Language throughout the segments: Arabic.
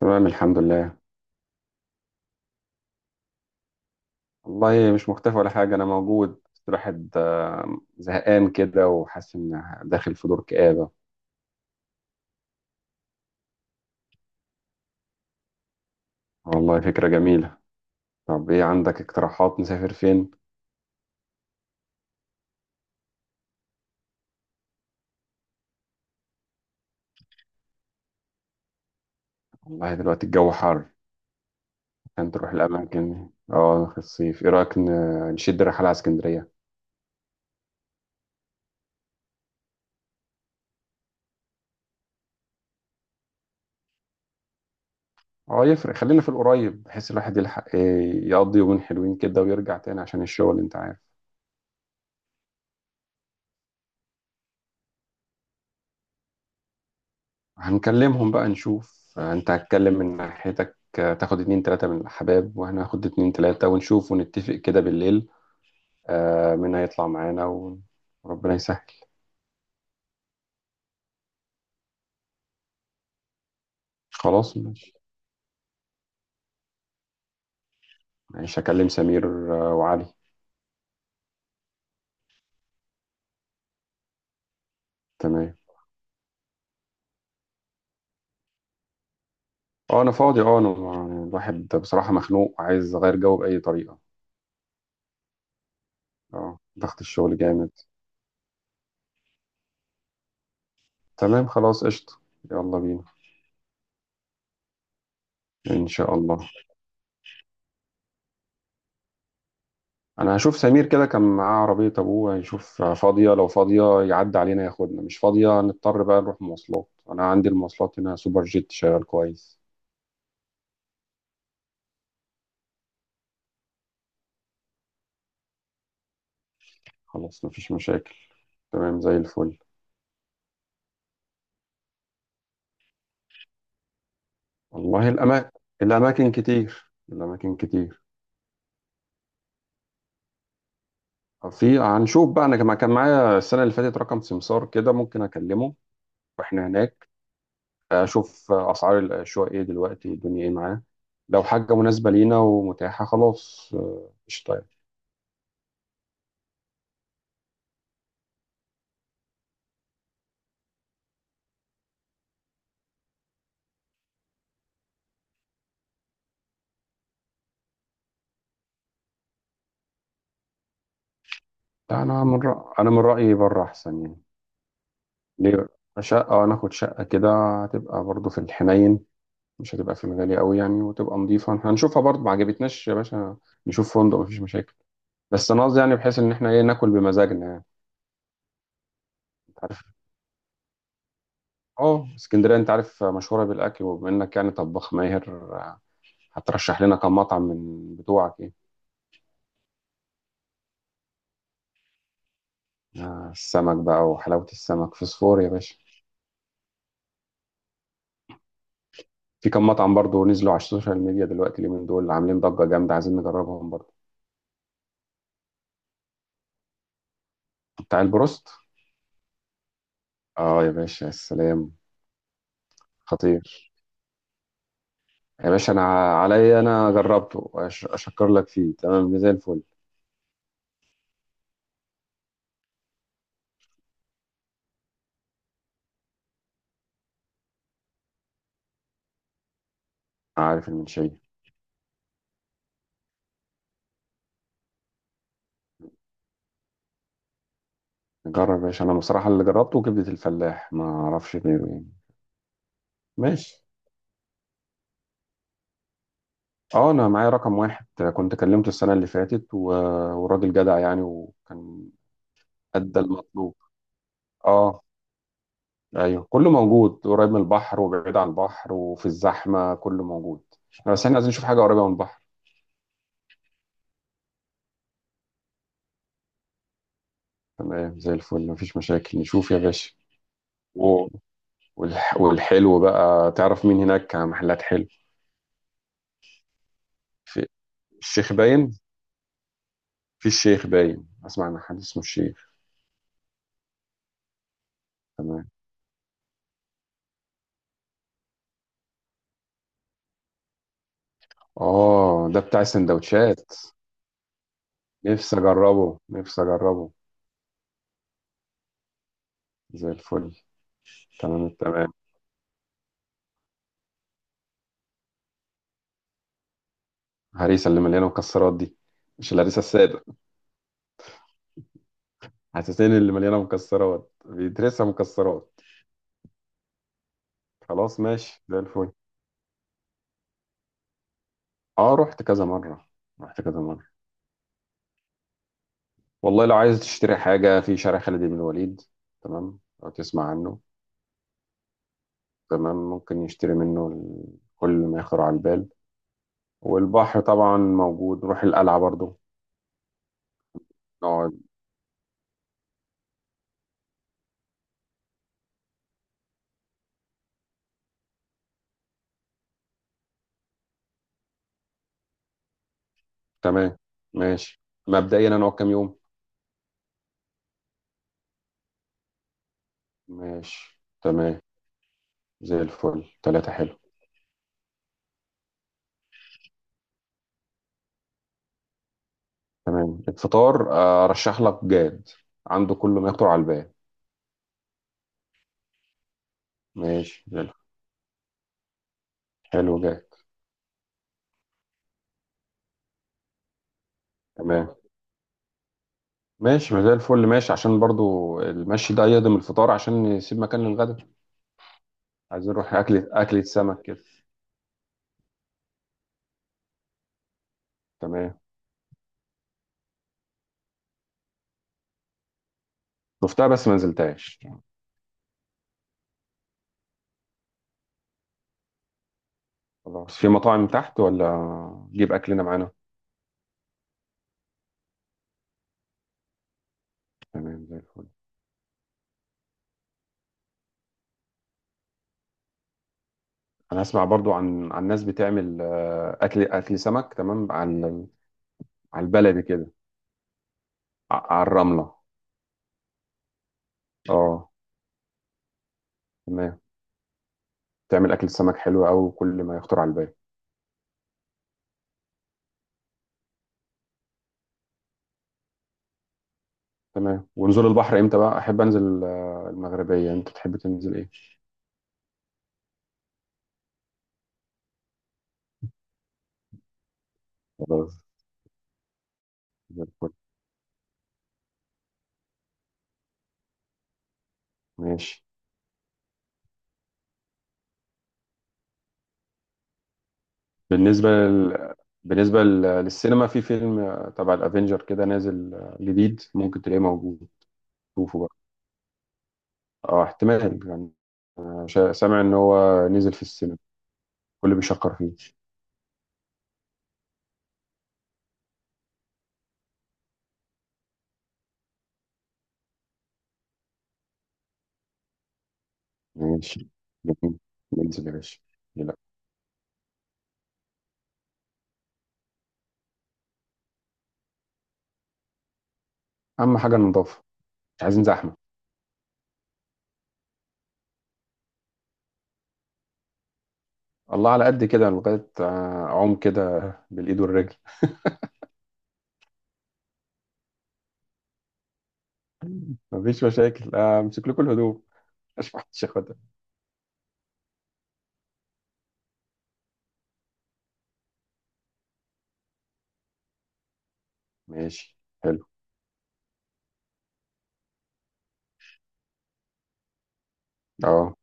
تمام، الحمد لله. والله مش مختفي ولا حاجة، أنا موجود بس الواحد زهقان كده وحاسس إن داخل في دور كآبة. والله فكرة جميلة. طب إيه عندك اقتراحات نسافر فين؟ والله دلوقتي الجو حر عشان تروح الأماكن دي. اه، في الصيف إيه رأيك نشد رحلة على اسكندرية؟ اه يفرق، خلينا في القريب بحيث الواحد يلحق يقضي يومين حلوين كده ويرجع تاني عشان الشغل أنت عارف. هنكلمهم بقى نشوف، انت هتكلم من ناحيتك، تاخد اتنين تلاتة من الحباب وانا هاخد اتنين تلاتة ونشوف ونتفق كده بالليل. مين هيطلع معانا وربنا يسهل. خلاص ماشي. ماشي هكلم سمير وعلي. تمام. اه انا فاضي، اه انا يعني الواحد بصراحة مخنوق وعايز اغير جو بأي طريقة. اه ضغط الشغل جامد. تمام خلاص قشطة. يلا بينا. ان شاء الله. انا هشوف سمير، كده كان معاه عربية ابوه، هيشوف فاضية، لو فاضية يعدي علينا ياخدنا، مش فاضية نضطر بقى نروح مواصلات. انا عندي المواصلات هنا سوبر جيت شغال كويس. خلاص مفيش مشاكل. تمام زي الفل. والله الاماكن، الاماكن كتير، الاماكن كتير. في هنشوف بقى، انا كما كان معايا السنة اللي فاتت رقم سمسار كده، ممكن اكلمه واحنا هناك، اشوف اسعار الشقق ايه دلوقتي، الدنيا ايه معاه. لو حاجة مناسبة لينا ومتاحة خلاص قشطة يعني. لا انا انا من رأيي بره احسن يعني. ليه شقة؟ وانا اخد شقة كده هتبقى برضو في الحنين، مش هتبقى في المغالي قوي يعني، وتبقى نظيفة هنشوفها برضو. ما عجبتناش يا باشا نشوف فندق مفيش مشاكل. بس انا قصدي يعني بحيث ان احنا ايه ناكل بمزاجنا يعني، انت عارف. اه اسكندرية انت عارف مشهورة بالاكل، وبما انك يعني طباخ ماهر هترشح لنا كم مطعم من بتوعك ايه. السمك بقى وحلاوة السمك فسفور يا باشا. في كم مطعم برضو نزلوا على السوشيال ميديا دلوقتي، اليومين دول عاملين ضجة جامدة، عايزين نجربهم برضو. بتاع البروست. اه يا باشا يا سلام. خطير. يا باشا انا عليا، انا جربته اشكر لك فيه، تمام زي الفل. عارف المنشيه. جرب يا باشا، انا بصراحه اللي جربته كبده الفلاح، ما اعرفش غيره يعني. ماشي. اه انا معايا رقم واحد، كنت كلمته السنه اللي فاتت وراجل جدع يعني، وكان ادى المطلوب. اه ايوه كله موجود، قريب من البحر وبعيد عن البحر وفي الزحمه كله موجود. بس احنا عايزين نشوف حاجه قريبه من البحر. تمام زي الفل مفيش مشاكل نشوف يا باشا. والحلو بقى تعرف مين هناك محلات حلو. في الشيخ باين. في الشيخ باين، اسمع عن حد اسمه الشيخ. تمام. اه ده بتاع السندوتشات. نفسي اجربه، نفسي اجربه. زي الفل. تمام التمام. الهريسه اللي مليانه مكسرات دي، مش الهريسه الساده. حساسين اللي مليانه مكسرات بيدرسها مكسرات. خلاص ماشي زي الفل. اه رحت كذا مره، رحت كذا مره. والله لو عايز تشتري حاجه في شارع خالد بن الوليد، تمام، لو تسمع عنه. تمام ممكن يشتري منه كل ما يخطر على البال. والبحر طبعا موجود، نروح القلعة برضو. نقعد. تمام ماشي، مبدئيا هنقعد كام يوم. ماشي تمام زي الفل، ثلاثة حلو. تمام الفطار، أرشح لك جاد، عنده كل ما يخطر على البال. ماشي زي الفل. حلو جاد. تمام ماشي ما زي الفل، ماشي عشان برضو المشي ده يهضم الفطار عشان يسيب مكان للغدا. عايزين نروح أكلة، أكلة سمك كده. تمام. شفتها بس ما نزلتهاش. خلاص، في مطاعم تحت ولا نجيب اكلنا معانا؟ تمام زي الفل. انا اسمع برضو عن ناس بتعمل اكل، اكل سمك تمام، على على البلدي كده، على الرمله. اه تمام، تعمل اكل سمك حلو قوي، كل ما يخطر على البال. تمام. ونزول البحر امتى بقى؟ احب انزل المغربيه، انت تحب تنزل ايه؟ خلاص زي الفل ماشي. بالنسبه لل... للسينما في فيلم تبع الافينجر كده نازل جديد، ممكن تلاقيه موجود. شوفه بقى. اه احتمال يعني. سامع ان هو نزل في السينما، كل بيشكر فيه. ماشي جميل، ننزل يا باشا. لا اهم حاجه النظافه، مش عايزين زحمه. الله على قد كده، لغايه اعوم كده بالايد والرجل. مفيش مشاكل امسك لكم الهدوم. مش محدش ياخدها. ماشي حلو. اه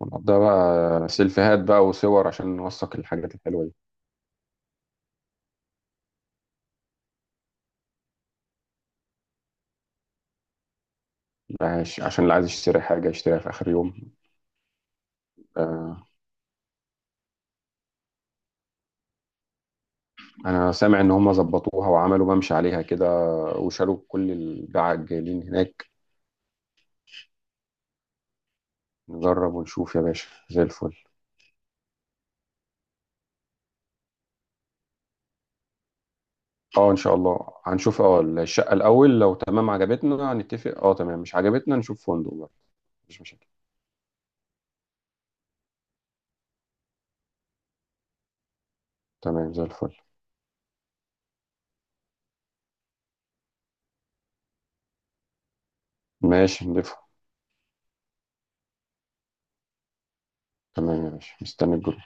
ونقضيها بقى سيلفيهات بقى وصور عشان نوثق الحاجات الحلوه دي. لا، عشان اللي عايز يشتري حاجه يشتريها في اخر يوم. آه، انا سامع ان هم ظبطوها وعملوا ممشى عليها كده، وشالوا كل الباعة الجايلين هناك. نجرب ونشوف يا باشا زي الفل. اه ان شاء الله. هنشوف اه الشقة الاول، لو تمام عجبتنا هنتفق، اه تمام مش عجبتنا نشوف فندق بقى. مفيش مشاكل. تمام زي الفل. ماشي نضيفها. تمام يا باشا، مستني الجروب.